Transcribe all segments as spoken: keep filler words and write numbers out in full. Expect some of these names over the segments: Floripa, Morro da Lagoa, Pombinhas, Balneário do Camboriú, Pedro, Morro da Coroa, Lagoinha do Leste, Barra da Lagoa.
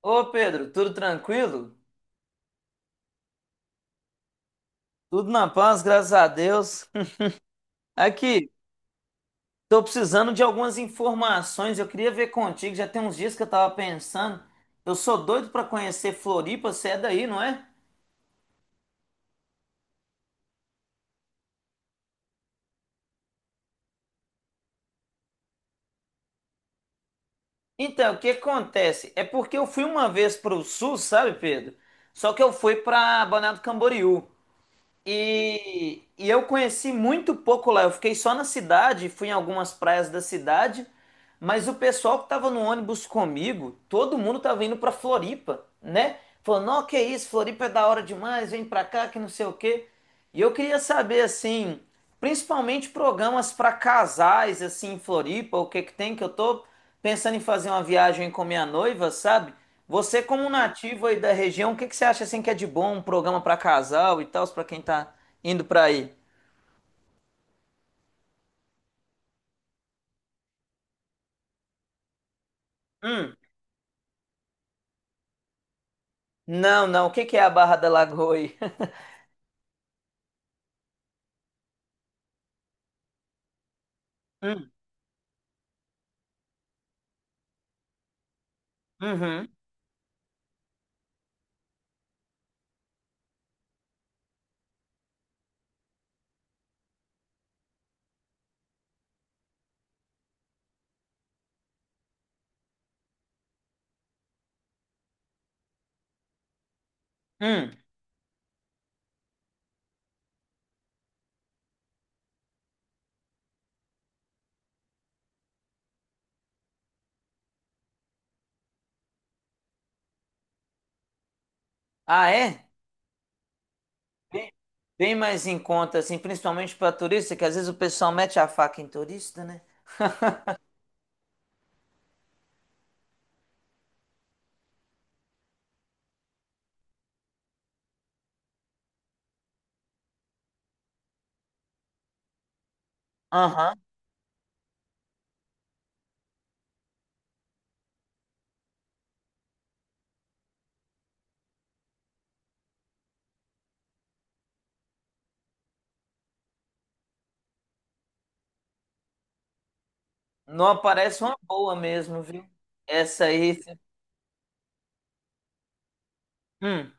Ô Pedro, tudo tranquilo? Tudo na paz, graças a Deus. Aqui, tô precisando de algumas informações. Eu queria ver contigo, já tem uns dias que eu tava pensando. Eu sou doido pra conhecer Floripa, você é daí, não é? Então, o que acontece? É porque eu fui uma vez pro sul, sabe, Pedro? Só que eu fui pra Balneário do Camboriú. E, e eu conheci muito pouco lá. Eu fiquei só na cidade, fui em algumas praias da cidade, mas o pessoal que tava no ônibus comigo, todo mundo tava indo pra Floripa, né? Falando, não, que isso, Floripa é da hora demais, vem pra cá, que não sei o quê. E eu queria saber assim, principalmente programas para casais assim em Floripa, o que que tem que eu tô pensando em fazer uma viagem com minha noiva, sabe? Você como nativo aí da região, o que que você acha assim que é de bom um programa para casal e tal, para quem tá indo para aí? Hum. Não, não. O que que é a Barra da Lagoa aí? Hum. Uhum. Hum. Ah, é? Bem, bem mais em conta assim, principalmente para turista, que às vezes o pessoal mete a faca em turista, né? Aham. Não aparece uma boa mesmo, viu? Essa aí. cê- Hum,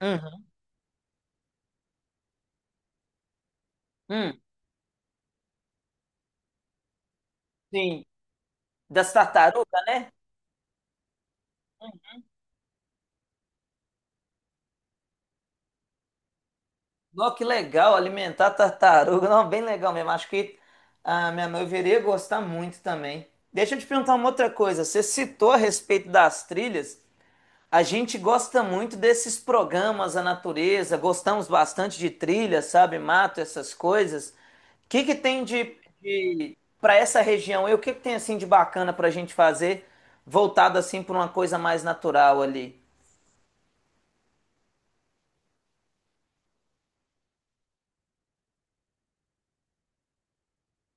uhum, hum, sim. Das tartarugas, né? Nossa, que legal alimentar tartaruga. Não, bem legal mesmo. Acho que a minha mãe viria gostar muito também. Deixa eu te perguntar uma outra coisa. Você citou a respeito das trilhas. A gente gosta muito desses programas, a natureza, gostamos bastante de trilha, sabe, mato, essas coisas. O que que tem de, de para essa região? E o que que tem assim de bacana para a gente fazer, voltado assim para uma coisa mais natural ali?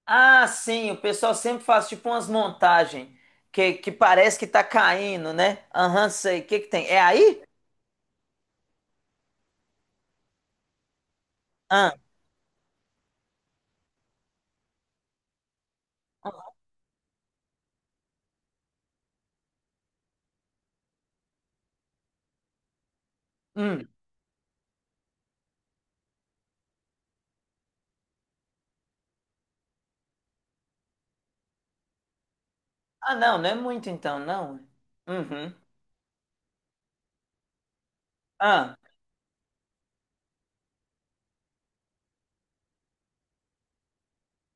Ah, sim, o pessoal sempre faz tipo umas montagens que, que parece que tá caindo, né? Aham, sei. O que que tem? É aí? Ah, hum. Ah, não, não é muito então, não. Uhum. Ah,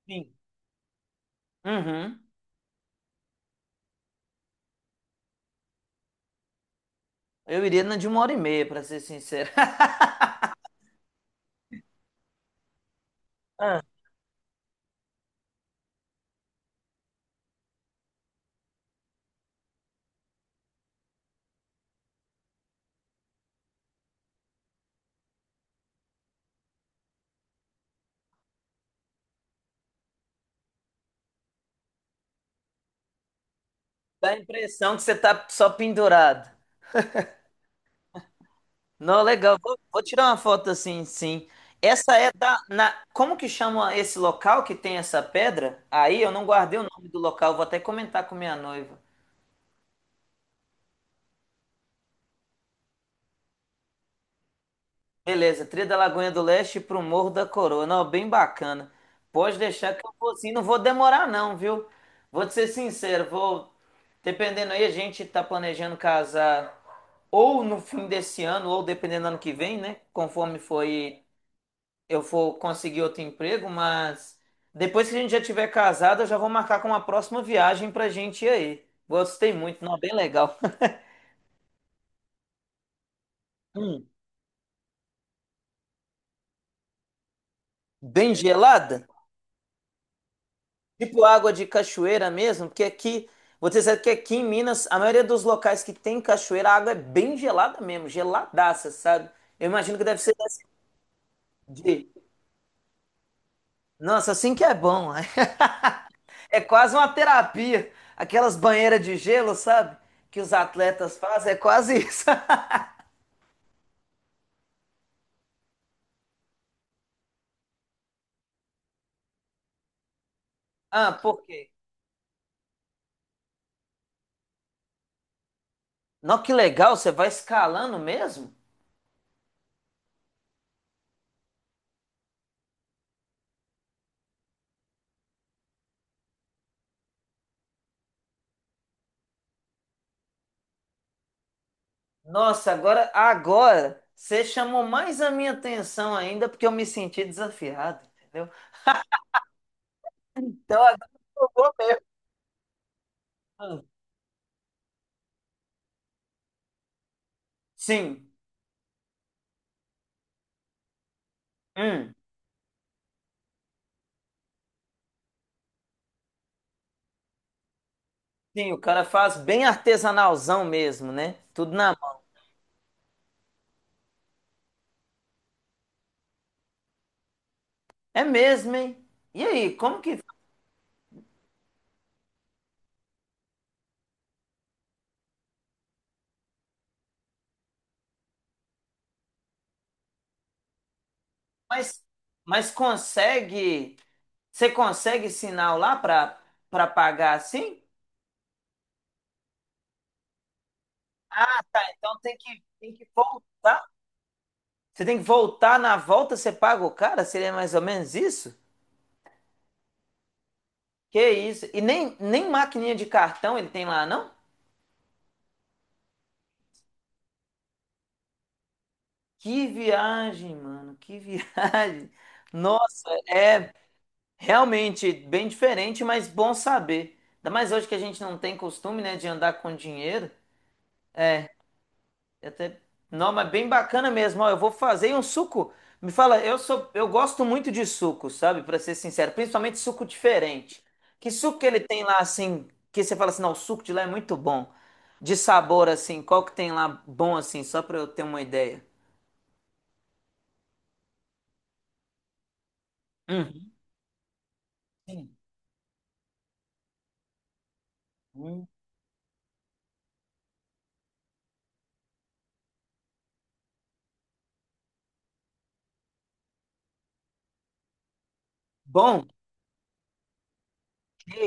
sim. Uhum. Eu iria na de uma hora e meia, pra ser sincero. Ah, dá a impressão que você tá só pendurado. Não, legal. Vou, vou tirar uma foto assim, sim. Essa é da. Na, como que chama esse local que tem essa pedra? Aí eu não guardei o nome do local, vou até comentar com minha noiva. Beleza, trilha da Lagoinha do Leste pro Morro da Coroa. Não, bem bacana. Pode deixar que eu vou sim, não vou demorar não, viu? Vou te ser sincero, vou. Dependendo aí, a gente tá planejando casar ou no fim desse ano, ou dependendo do ano que vem, né? Conforme foi, eu for conseguir outro emprego, mas. Depois que a gente já tiver casado, eu já vou marcar com uma próxima viagem pra gente ir aí. Gostei muito, não, bem legal. Hum, bem gelada? Tipo água de cachoeira mesmo, porque aqui, vou te dizer que aqui em Minas, a maioria dos locais que tem cachoeira, a água é bem gelada mesmo, geladaça, sabe? Eu imagino que deve ser desse de. Nossa, assim que é bom. É quase uma terapia. Aquelas banheiras de gelo, sabe? Que os atletas fazem, é quase isso. Ah, por quê? Não, que legal, você vai escalando mesmo? Nossa, agora, agora, você chamou mais a minha atenção ainda porque eu me senti desafiado, entendeu? Então agora eu vou mesmo. Sim. Hum. Sim, o cara faz bem artesanalzão mesmo, né? Tudo na mão. É mesmo, hein? E aí, como que. Mas, mas consegue. Você consegue sinal lá pra, pra pagar assim? Ah, tá. Então tem que, tem que voltar. Você tem que voltar na volta, você paga o cara? Seria mais ou menos isso? Que isso? E nem, nem maquininha de cartão ele tem lá, não? Que viagem, mano. Que viagem. Nossa, é realmente bem diferente, mas bom saber. Ainda mais hoje que a gente não tem costume, né, de andar com dinheiro. E até. Não, mas bem bacana mesmo. Ó, eu vou fazer um suco. Me fala, eu sou, eu gosto muito de suco, sabe? Pra ser sincero, principalmente suco diferente. Que suco que ele tem lá assim, que você fala assim, não, o suco de lá é muito bom. De sabor assim, qual que tem lá bom assim, só pra eu ter uma ideia. Uhum. Sim. Hum. Bom, que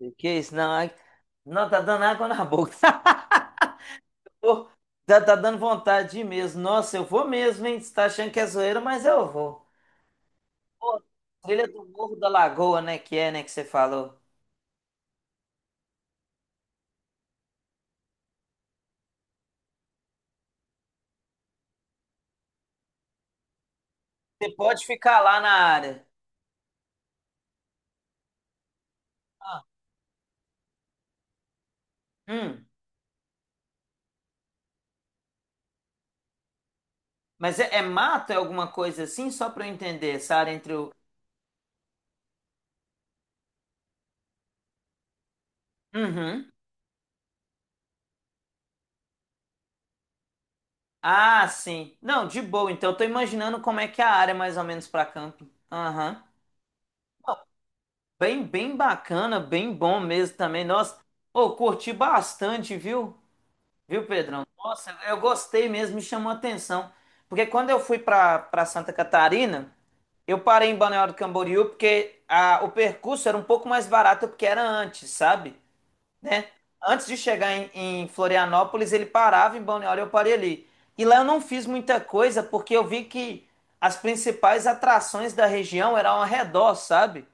isso, que isso, não, ai, não tá dando água na boca. Pô, já tá dando vontade de ir mesmo. Nossa, eu vou mesmo, hein? Você tá achando que é zoeira, mas eu vou. Pô, trilha do Morro da Lagoa, né? Que é, né? Que você falou. Você pode ficar lá na área. Hum, mas é, é mato, é alguma coisa assim? Só pra eu entender, essa área entre o. Uhum. Ah, sim. Não, de boa. Então eu tô imaginando como é que é a área mais ou menos pra camping. Aham. Bem, bem bacana, bem bom mesmo também. Nossa, ô, curti bastante, viu? Viu, Pedrão? Nossa, eu gostei mesmo, me chamou a atenção. Porque quando eu fui para para Santa Catarina, eu parei em Balneário do Camboriú porque a, o percurso era um pouco mais barato porque era antes, sabe? Né? Antes de chegar em, em Florianópolis, ele parava em Balneário, eu parei ali. E lá eu não fiz muita coisa porque eu vi que as principais atrações da região eram ao redor, sabe?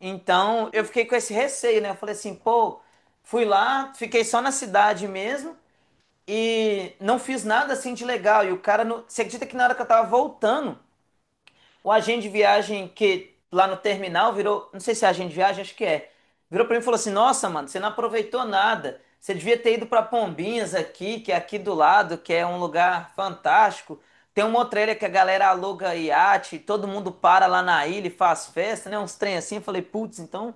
Então eu fiquei com esse receio, né? Eu falei assim, pô, fui lá, fiquei só na cidade mesmo e não fiz nada assim de legal. E o cara, não. Você acredita que na hora que eu tava voltando, o agente de viagem que lá no terminal virou, não sei se é agente de viagem, acho que é. Virou pra mim e falou assim: Nossa, mano, você não aproveitou nada. Você devia ter ido pra Pombinhas aqui, que é aqui do lado, que é um lugar fantástico. Tem uma outra ilha que a galera aluga iate, todo mundo para lá na ilha e faz festa, né? Uns trem assim. Eu falei: Putz, então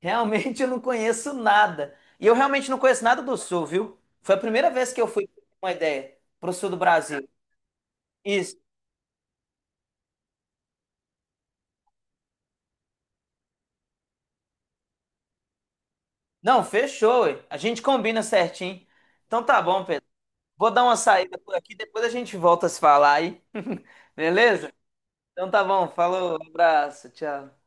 realmente eu não conheço nada. E eu realmente não conheço nada do sul, viu? Foi a primeira vez que eu fui, pra ter uma ideia, pro sul do Brasil. Isso. Não, fechou, ué. A gente combina certinho. Então tá bom, Pedro. Vou dar uma saída por aqui, depois a gente volta a se falar aí. Beleza? Então tá bom, falou, abraço, tchau.